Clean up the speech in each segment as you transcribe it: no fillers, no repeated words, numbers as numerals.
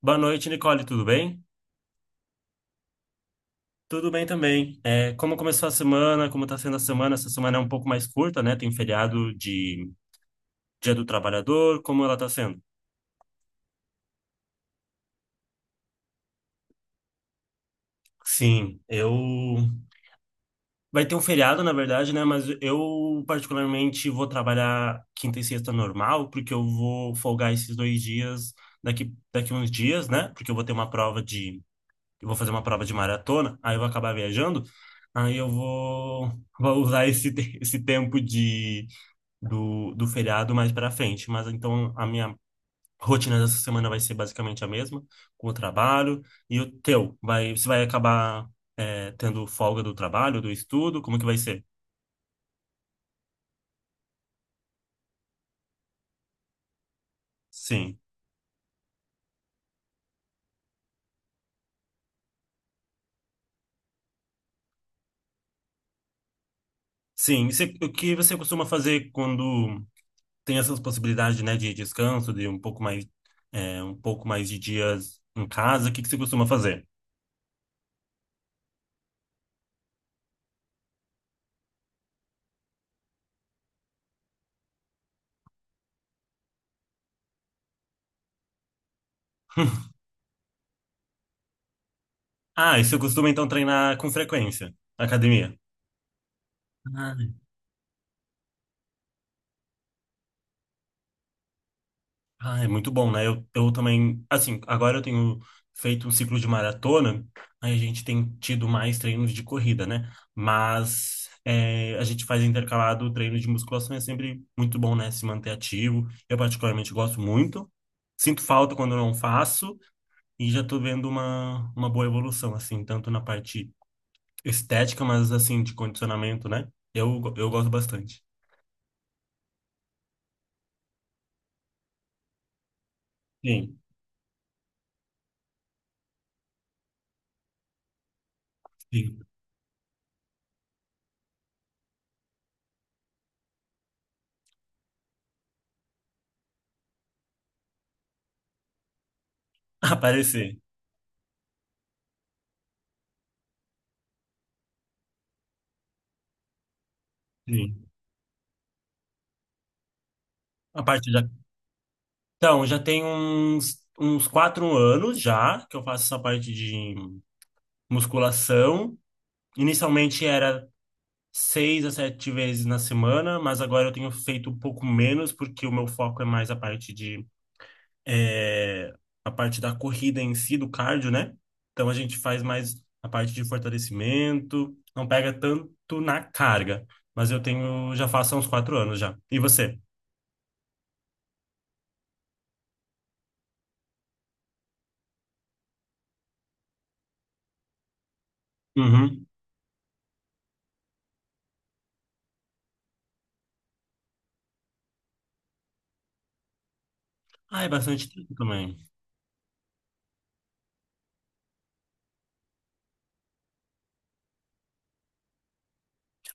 Boa noite, Nicole, tudo bem? Tudo bem também. É, como começou a semana? Como está sendo a semana? Essa semana é um pouco mais curta, né? Tem feriado de Dia do Trabalhador. Como ela está sendo? Sim, eu. Vai ter um feriado, na verdade, né? Mas eu, particularmente, vou trabalhar quinta e sexta normal, porque eu vou folgar esses dois dias daqui uns dias, né? Porque eu vou ter uma prova de. Eu vou fazer uma prova de maratona, aí eu vou acabar viajando. Aí eu vou usar esse tempo de do feriado mais para frente. Mas então a minha rotina dessa semana vai ser basicamente a mesma, com o trabalho. E o teu, você vai acabar tendo folga do trabalho, do estudo? Como que vai ser? Sim. Sim. E você, o que você costuma fazer quando tem essas possibilidades, né, de descanso, de um pouco mais, é, um pouco mais de dias em casa? O que que você costuma fazer? Ah, e você costuma então treinar com frequência? Academia. Ah, é muito bom, né? Eu também, assim, agora eu tenho feito um ciclo de maratona, aí a gente tem tido mais treinos de corrida, né? Mas é, a gente faz intercalado o treino de musculação, é sempre muito bom, né? Se manter ativo. Eu particularmente gosto muito. Sinto falta quando eu não faço e já tô vendo uma boa evolução, assim, tanto na parte estética, mas assim, de condicionamento, né? Eu gosto bastante. Sim, sim. Aparecer. Sim. A parte de. Então, já tem uns 4 anos já que eu faço essa parte de musculação. Inicialmente era 6 a 7 vezes na semana, mas agora eu tenho feito um pouco menos porque o meu foco é mais eh, a parte da corrida em si, do cardio, né? Então a gente faz mais a parte de fortalecimento, não pega tanto na carga, mas eu tenho já faço há uns 4 anos já. E você? Uhum. Ah, é bastante tempo também.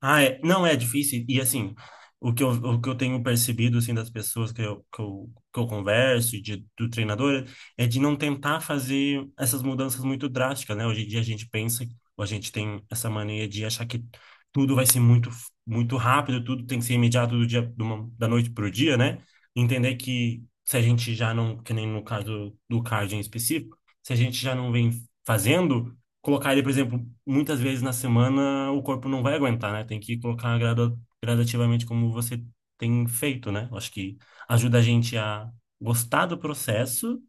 Ah, é, não é difícil. E assim, o que eu tenho percebido assim das pessoas que eu converso e do treinador é de não tentar fazer essas mudanças muito drásticas, né? Hoje em dia a gente pensa, ou a gente tem essa mania de achar que tudo vai ser muito muito rápido, tudo tem que ser imediato do dia da noite para o dia, né? Entender que se a gente já não, que nem no caso do cardio em específico, se a gente já não vem fazendo colocar ele, por exemplo, muitas vezes na semana, o corpo não vai aguentar, né? Tem que colocar gradativamente como você tem feito, né? Eu acho que ajuda a gente a gostar do processo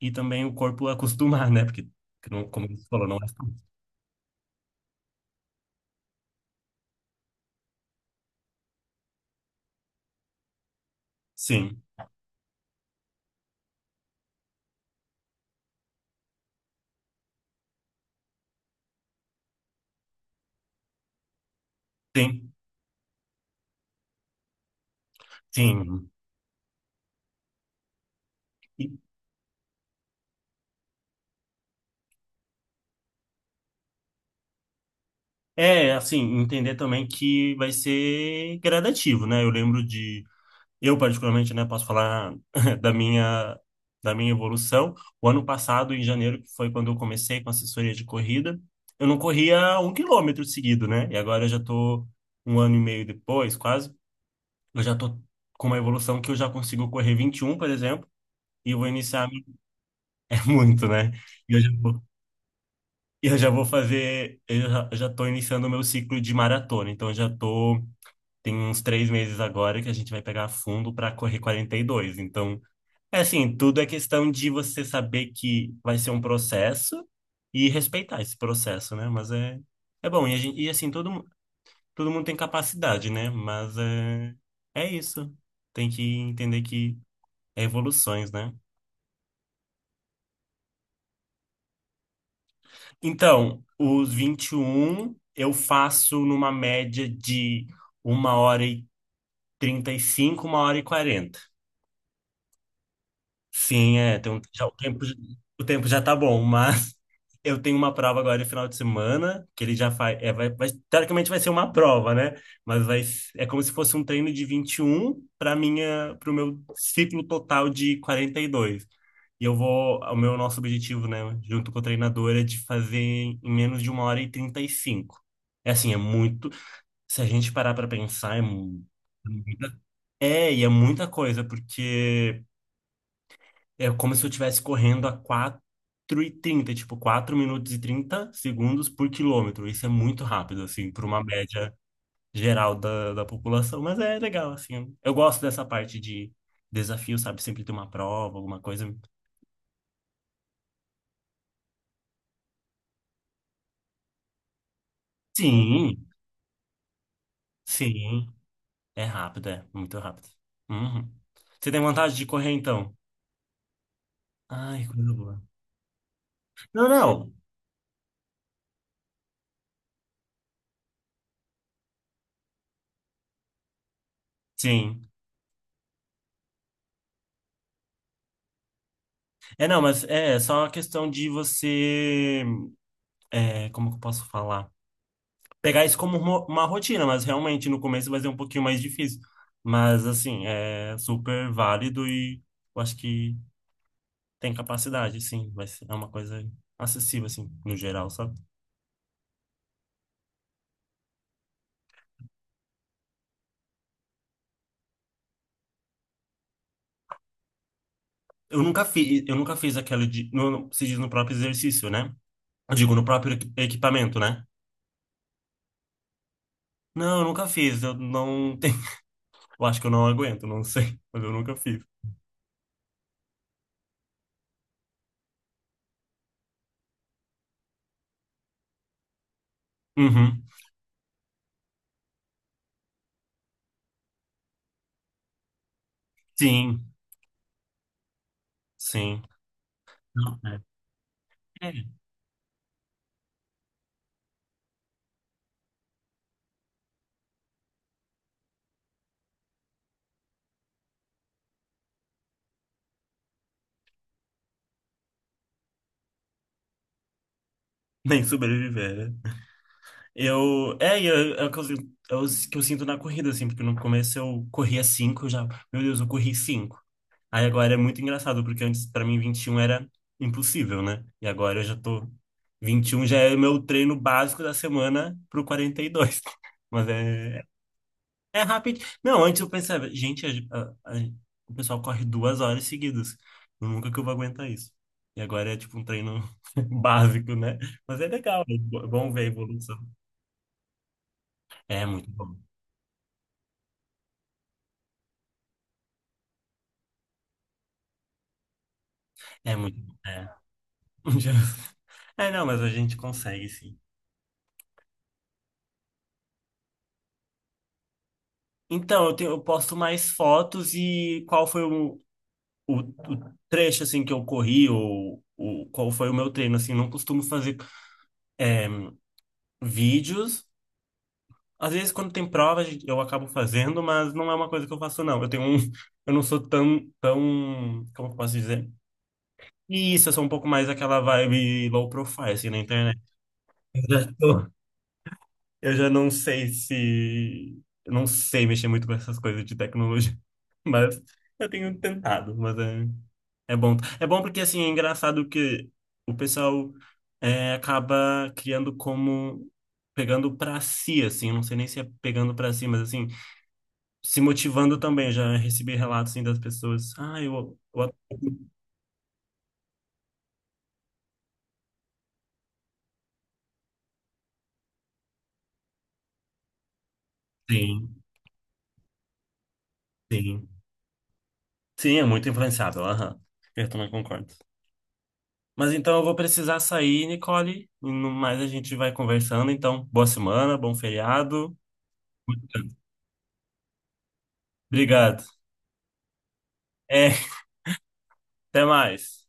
e também o corpo a acostumar, né? Porque, como você falou, não é fácil. Sim, sim, sim. E é, assim, entender também que vai ser gradativo, né? Eu lembro de. Eu, particularmente, né, posso falar da minha, da minha evolução. O ano passado, em janeiro, que foi quando eu comecei com assessoria de corrida, eu não corria 1 quilômetro seguido, né? E agora eu já tô 1 ano e meio depois, quase, eu já tô com uma evolução que eu já consigo correr 21, por exemplo, e eu vou iniciar... É muito, né? E eu já vou, e eu já vou fazer... eu já tô iniciando o meu ciclo de maratona, então eu já tô... Tem uns 3 meses agora que a gente vai pegar fundo para correr 42 então... É assim, tudo é questão de você saber que vai ser um processo e respeitar esse processo, né? Mas é, é bom. E, a gente, e assim, todo mundo tem capacidade, né? Mas é, é isso. Tem que entender que é evoluções, né? Então, os 21 eu faço numa média de 1h35, 1h40. Sim, é, tem um, já, o tempo já tá bom, mas eu tenho uma prova agora no final de semana, que ele já faz, é, teoricamente vai ser uma prova, né? Mas é como se fosse um treino de 21 para o meu ciclo total de 42. E dois. O meu nosso objetivo, né, junto com a treinadora, é de fazer em menos de uma hora e 35. É assim, é muito, se a gente parar para pensar, é muita coisa, porque é como se eu estivesse correndo a 4:30, tipo, 4 minutos e 30 segundos por quilômetro. Isso é muito rápido, assim, para uma média geral da população. Mas é legal, assim. Eu gosto dessa parte de desafio, sabe? Sempre ter uma prova, alguma coisa. Sim, sim. É rápido, é. Muito rápido. Uhum. Você tem vontade de correr, então? Ai, coisa boa. Não, não. Sim. É, não, mas é só uma questão de você. É, como que eu posso falar? Pegar isso como uma rotina, mas realmente no começo vai ser um pouquinho mais difícil. Mas assim, é super válido e eu acho que tem capacidade, sim, vai ser, é uma coisa acessível assim, no geral, sabe? Eu nunca fiz aquela de se diz no próprio exercício, né? Eu digo no próprio equipamento, né? Não, eu nunca fiz, eu não tenho, eu acho que eu não aguento, não sei, mas eu nunca fiz. Uhum. Sim, sim. Não, é. É. Nem sobreviver, né? Eu, é o que eu, sinto- é o que eu sinto na corrida, assim, porque no começo eu corria 5 eu já, meu Deus, eu corri cinco. Aí agora é muito engraçado, porque antes pra mim 21 era impossível, né? E agora eu já tô, 21 já é meu treino básico da semana pro 42. Mas é, é rápido. Não, antes eu pensava, gente, a- a- o pessoal corre 2 horas seguidas. Nunca que eu vou aguentar isso. E agora é tipo um treino básico, né? Mas é legal, é bom ver a evolução. É muito bom. É muito. É. Já-. É, não, mas a gente consegue, sim. Então, eu posto mais fotos e qual foi o trecho, assim, que eu corri ou qual foi o meu treino, assim. Não costumo fazer é, vídeos. Às vezes, quando tem prova, eu acabo fazendo, mas não é uma coisa que eu faço, não. Eu tenho um... Eu não sou tão, tão... Como eu posso dizer? Isso, eu sou um pouco mais aquela vibe low profile, assim, na internet. Eu já não sei se. Eu não sei mexer muito com essas coisas de tecnologia. Mas eu tenho tentado. Mas é, é bom. É bom porque, assim, é engraçado que o pessoal acaba criando como. Pegando pra si, assim. Eu não sei nem se é pegando pra si, mas, assim, se motivando também. Eu já recebi relatos, assim, das pessoas. Ah, eu. Eu... Sim, sim. Sim, é muito influenciável. Aham. Eu também concordo. Mas então eu vou precisar sair, Nicole, e no mais a gente vai conversando. Então, boa semana, bom feriado. Obrigado. É, até mais.